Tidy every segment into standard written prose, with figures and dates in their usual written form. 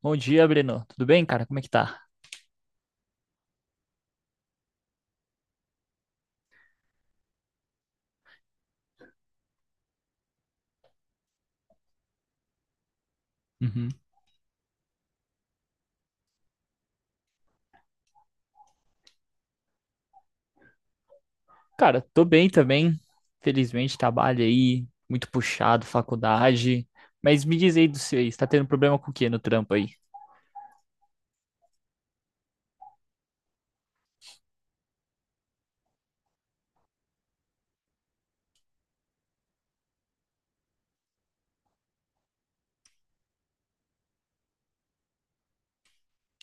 Bom dia, Breno. Tudo bem, cara? Como é que tá? Uhum. Cara, tô bem também. Felizmente, trabalho aí, muito puxado, faculdade. Mas me diz aí do seu aí, você tá tendo problema com o quê no trampo aí?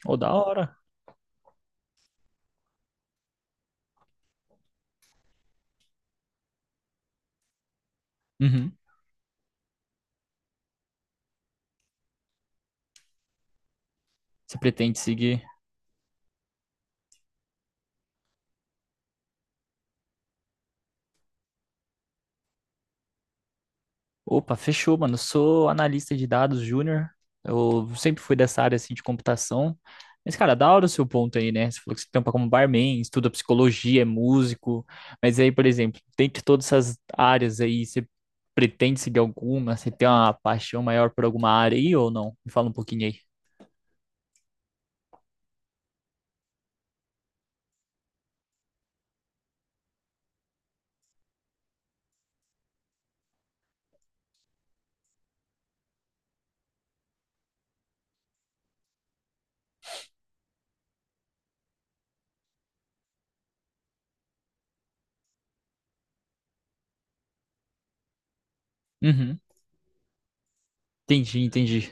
Ô, da hora. Uhum. Você pretende seguir? Opa, fechou, mano. Eu sou analista de dados júnior. Eu sempre fui dessa área assim de computação. Mas, cara, da hora o seu ponto aí, né? Você falou que você tampa como barman, estuda psicologia, é músico. Mas aí, por exemplo, dentre todas essas áreas aí, você pretende seguir alguma? Você tem uma paixão maior por alguma área aí ou não? Me fala um pouquinho aí. Uhum. Entendi, entendi.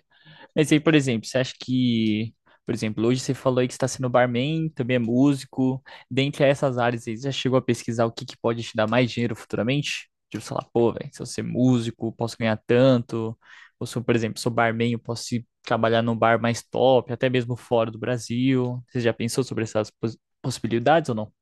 Mas aí, por exemplo, você acha que, por exemplo, hoje você falou aí que você está sendo barman, também é músico. Dentre essas áreas aí, você já chegou a pesquisar o que que pode te dar mais dinheiro futuramente? Tipo, sei lá, pô, velho, se eu ser músico, posso ganhar tanto. Ou se eu, por exemplo, sou barman, eu posso ir trabalhar num bar mais top, até mesmo fora do Brasil. Você já pensou sobre essas possibilidades ou não?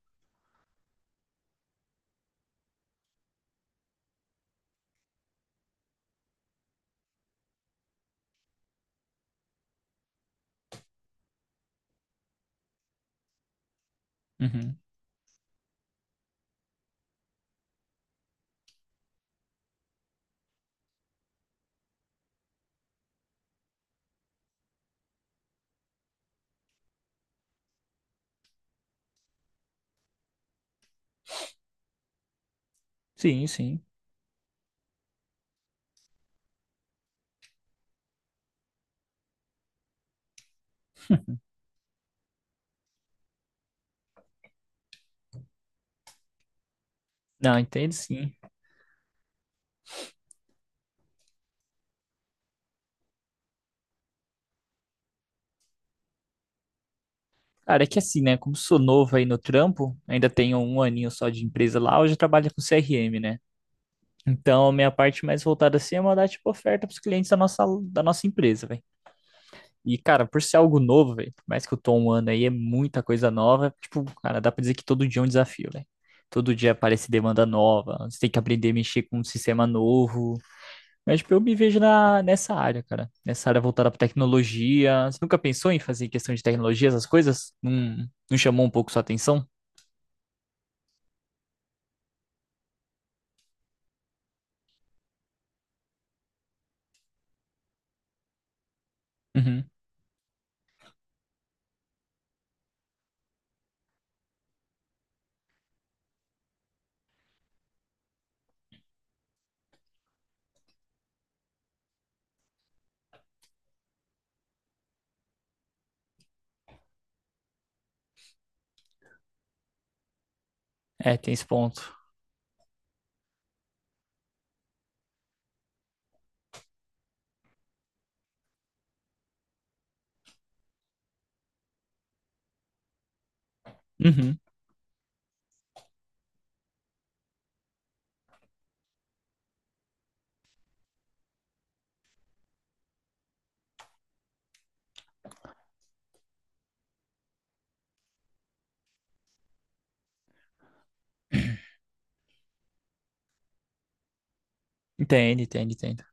Uhum. Sim, sim. Não, entendo sim. Cara, é que assim, né? Como sou novo aí no trampo, ainda tenho um aninho só de empresa lá, hoje eu trabalho com CRM, né? Então, minha parte mais voltada assim é mandar tipo oferta pros clientes da nossa empresa, velho. E, cara, por ser algo novo, velho, por mais que eu tô um ano aí, é muita coisa nova. Tipo, cara, dá pra dizer que todo dia é um desafio, velho. Todo dia aparece demanda nova, você tem que aprender a mexer com um sistema novo. Mas, tipo, eu me vejo nessa área, cara. Nessa área voltada pra tecnologia. Você nunca pensou em fazer questão de tecnologia, essas coisas? Não, não chamou um pouco sua atenção? Uhum. É, tem esse ponto. Uhum. Entende, entende, entende.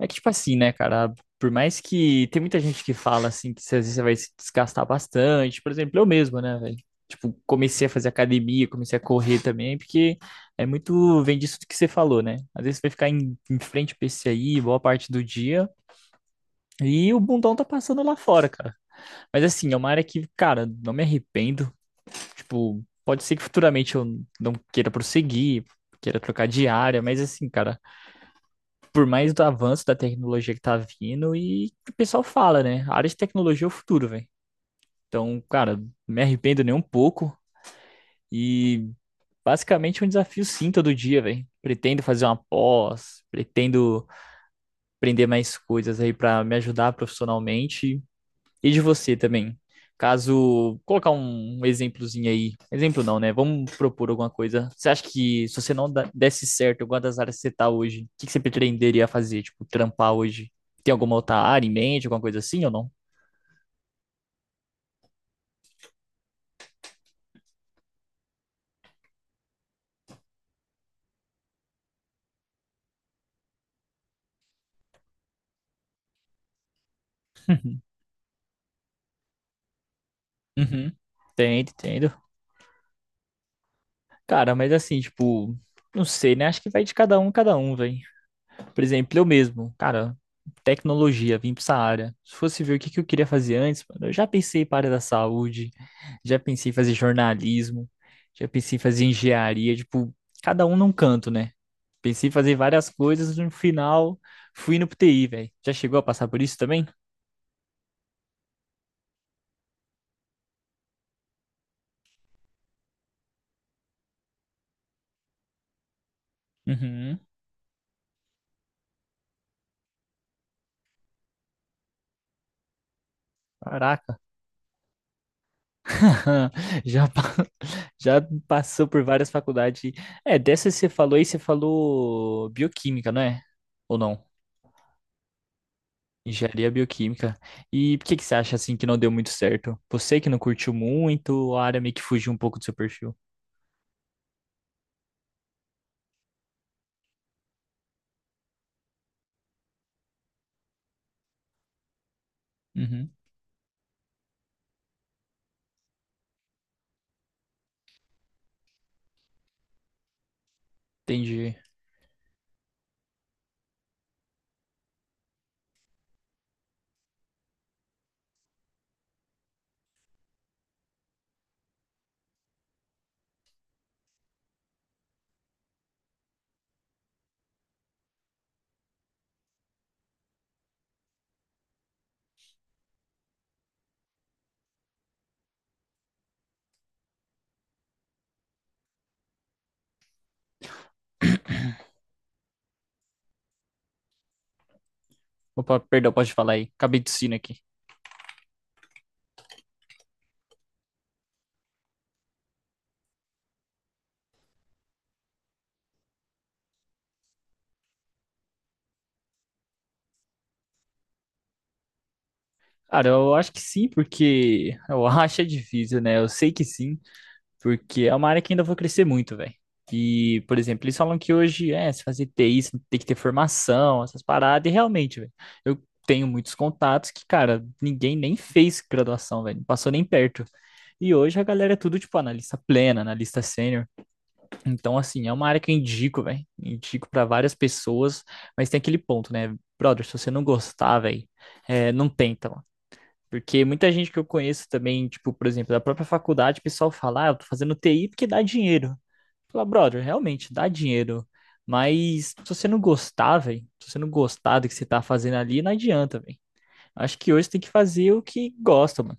É que, tipo assim, né, cara? Por mais que tem muita gente que fala assim que às vezes você vai se desgastar bastante. Por exemplo, eu mesmo, né, velho? Tipo, comecei a fazer academia, comecei a correr também, porque é muito, vem disso que você falou, né? Às vezes você vai ficar em frente ao PC aí boa parte do dia e o bundão tá passando lá fora, cara. Mas assim, é uma área que, cara, não me arrependo. Tipo, pode ser que futuramente eu não queira prosseguir, queira trocar de área, mas assim, cara, por mais do avanço da tecnologia que tá vindo e que o pessoal fala, né? A área de tecnologia é o futuro, velho. Então, cara, me arrependo nem um pouco e basicamente é um desafio sim todo dia, velho. Pretendo fazer uma pós, pretendo aprender mais coisas aí pra me ajudar profissionalmente e de você também. Caso colocar um exemplozinho aí, exemplo não, né? Vamos propor alguma coisa. Você acha que se você não da- desse certo em alguma das áreas que você tá hoje, o que que você pretenderia fazer? Tipo, trampar hoje? Tem alguma outra área em mente, alguma coisa assim ou não? Uhum. Entendo, entendo. Cara, mas assim, tipo, não sei, né? Acho que vai de cada um, velho. Por exemplo, eu mesmo, cara, tecnologia, vim para essa área. Se fosse ver o que que eu queria fazer antes, mano, eu já pensei para a área da saúde, já pensei em fazer jornalismo, já pensei em fazer engenharia, tipo, cada um num canto, né? Pensei em fazer várias coisas, no final fui no TI, velho. Já chegou a passar por isso também? Uhum. Caraca, já, pa- já passou por várias faculdades. É, dessa que você falou aí, você falou bioquímica, não é? Ou não? Engenharia bioquímica. E por que que você acha assim que não deu muito certo? Você que não curtiu muito, a área meio que fugiu um pouco do seu perfil. Uhum, entendi. Opa, perdão, pode falar aí. Acabei tossindo aqui. Cara, eu acho que sim, porque eu acho é difícil, né? Eu sei que sim, porque é uma área que ainda vou crescer muito, velho. E, por exemplo, eles falam que hoje, é, se fazer TI, você tem que ter formação, essas paradas, e realmente, velho, eu tenho muitos contatos que, cara, ninguém nem fez graduação, velho, não passou nem perto. E hoje a galera é tudo, tipo, analista plena, analista sênior. Então, assim, é uma área que eu indico, velho, indico pra várias pessoas, mas tem aquele ponto, né? Brother, se você não gostar, velho, é, não tenta, porque muita gente que eu conheço também, tipo, por exemplo, da própria faculdade, o pessoal fala, ah, eu tô fazendo TI porque dá dinheiro. Fala, brother, realmente dá dinheiro. Mas se você não gostar, velho, se você não gostar do que você tá fazendo ali, não adianta, velho. Acho que hoje você tem que fazer o que gosta, mano.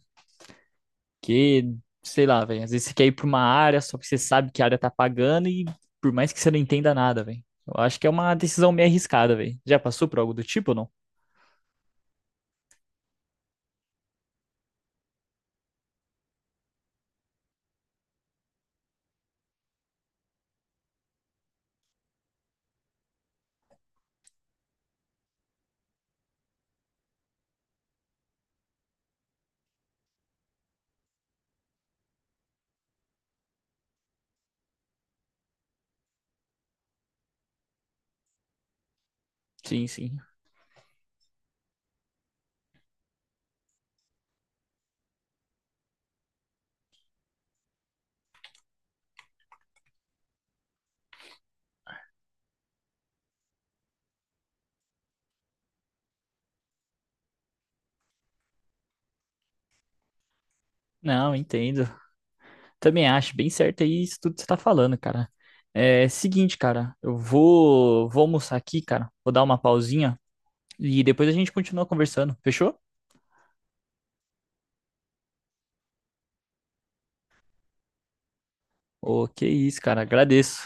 Que, sei lá, velho, às vezes você quer ir pra uma área só porque você sabe que a área tá pagando e por mais que você não entenda nada, velho. Eu acho que é uma decisão meio arriscada, velho. Já passou por algo do tipo ou não? Sim, sim. Não, entendo. Também acho bem certo aí isso tudo que você tá falando, cara. É seguinte, cara, eu vou, vou almoçar aqui, cara. Vou dar uma pausinha e depois a gente continua conversando. Fechou? Ô, que isso, cara. Agradeço.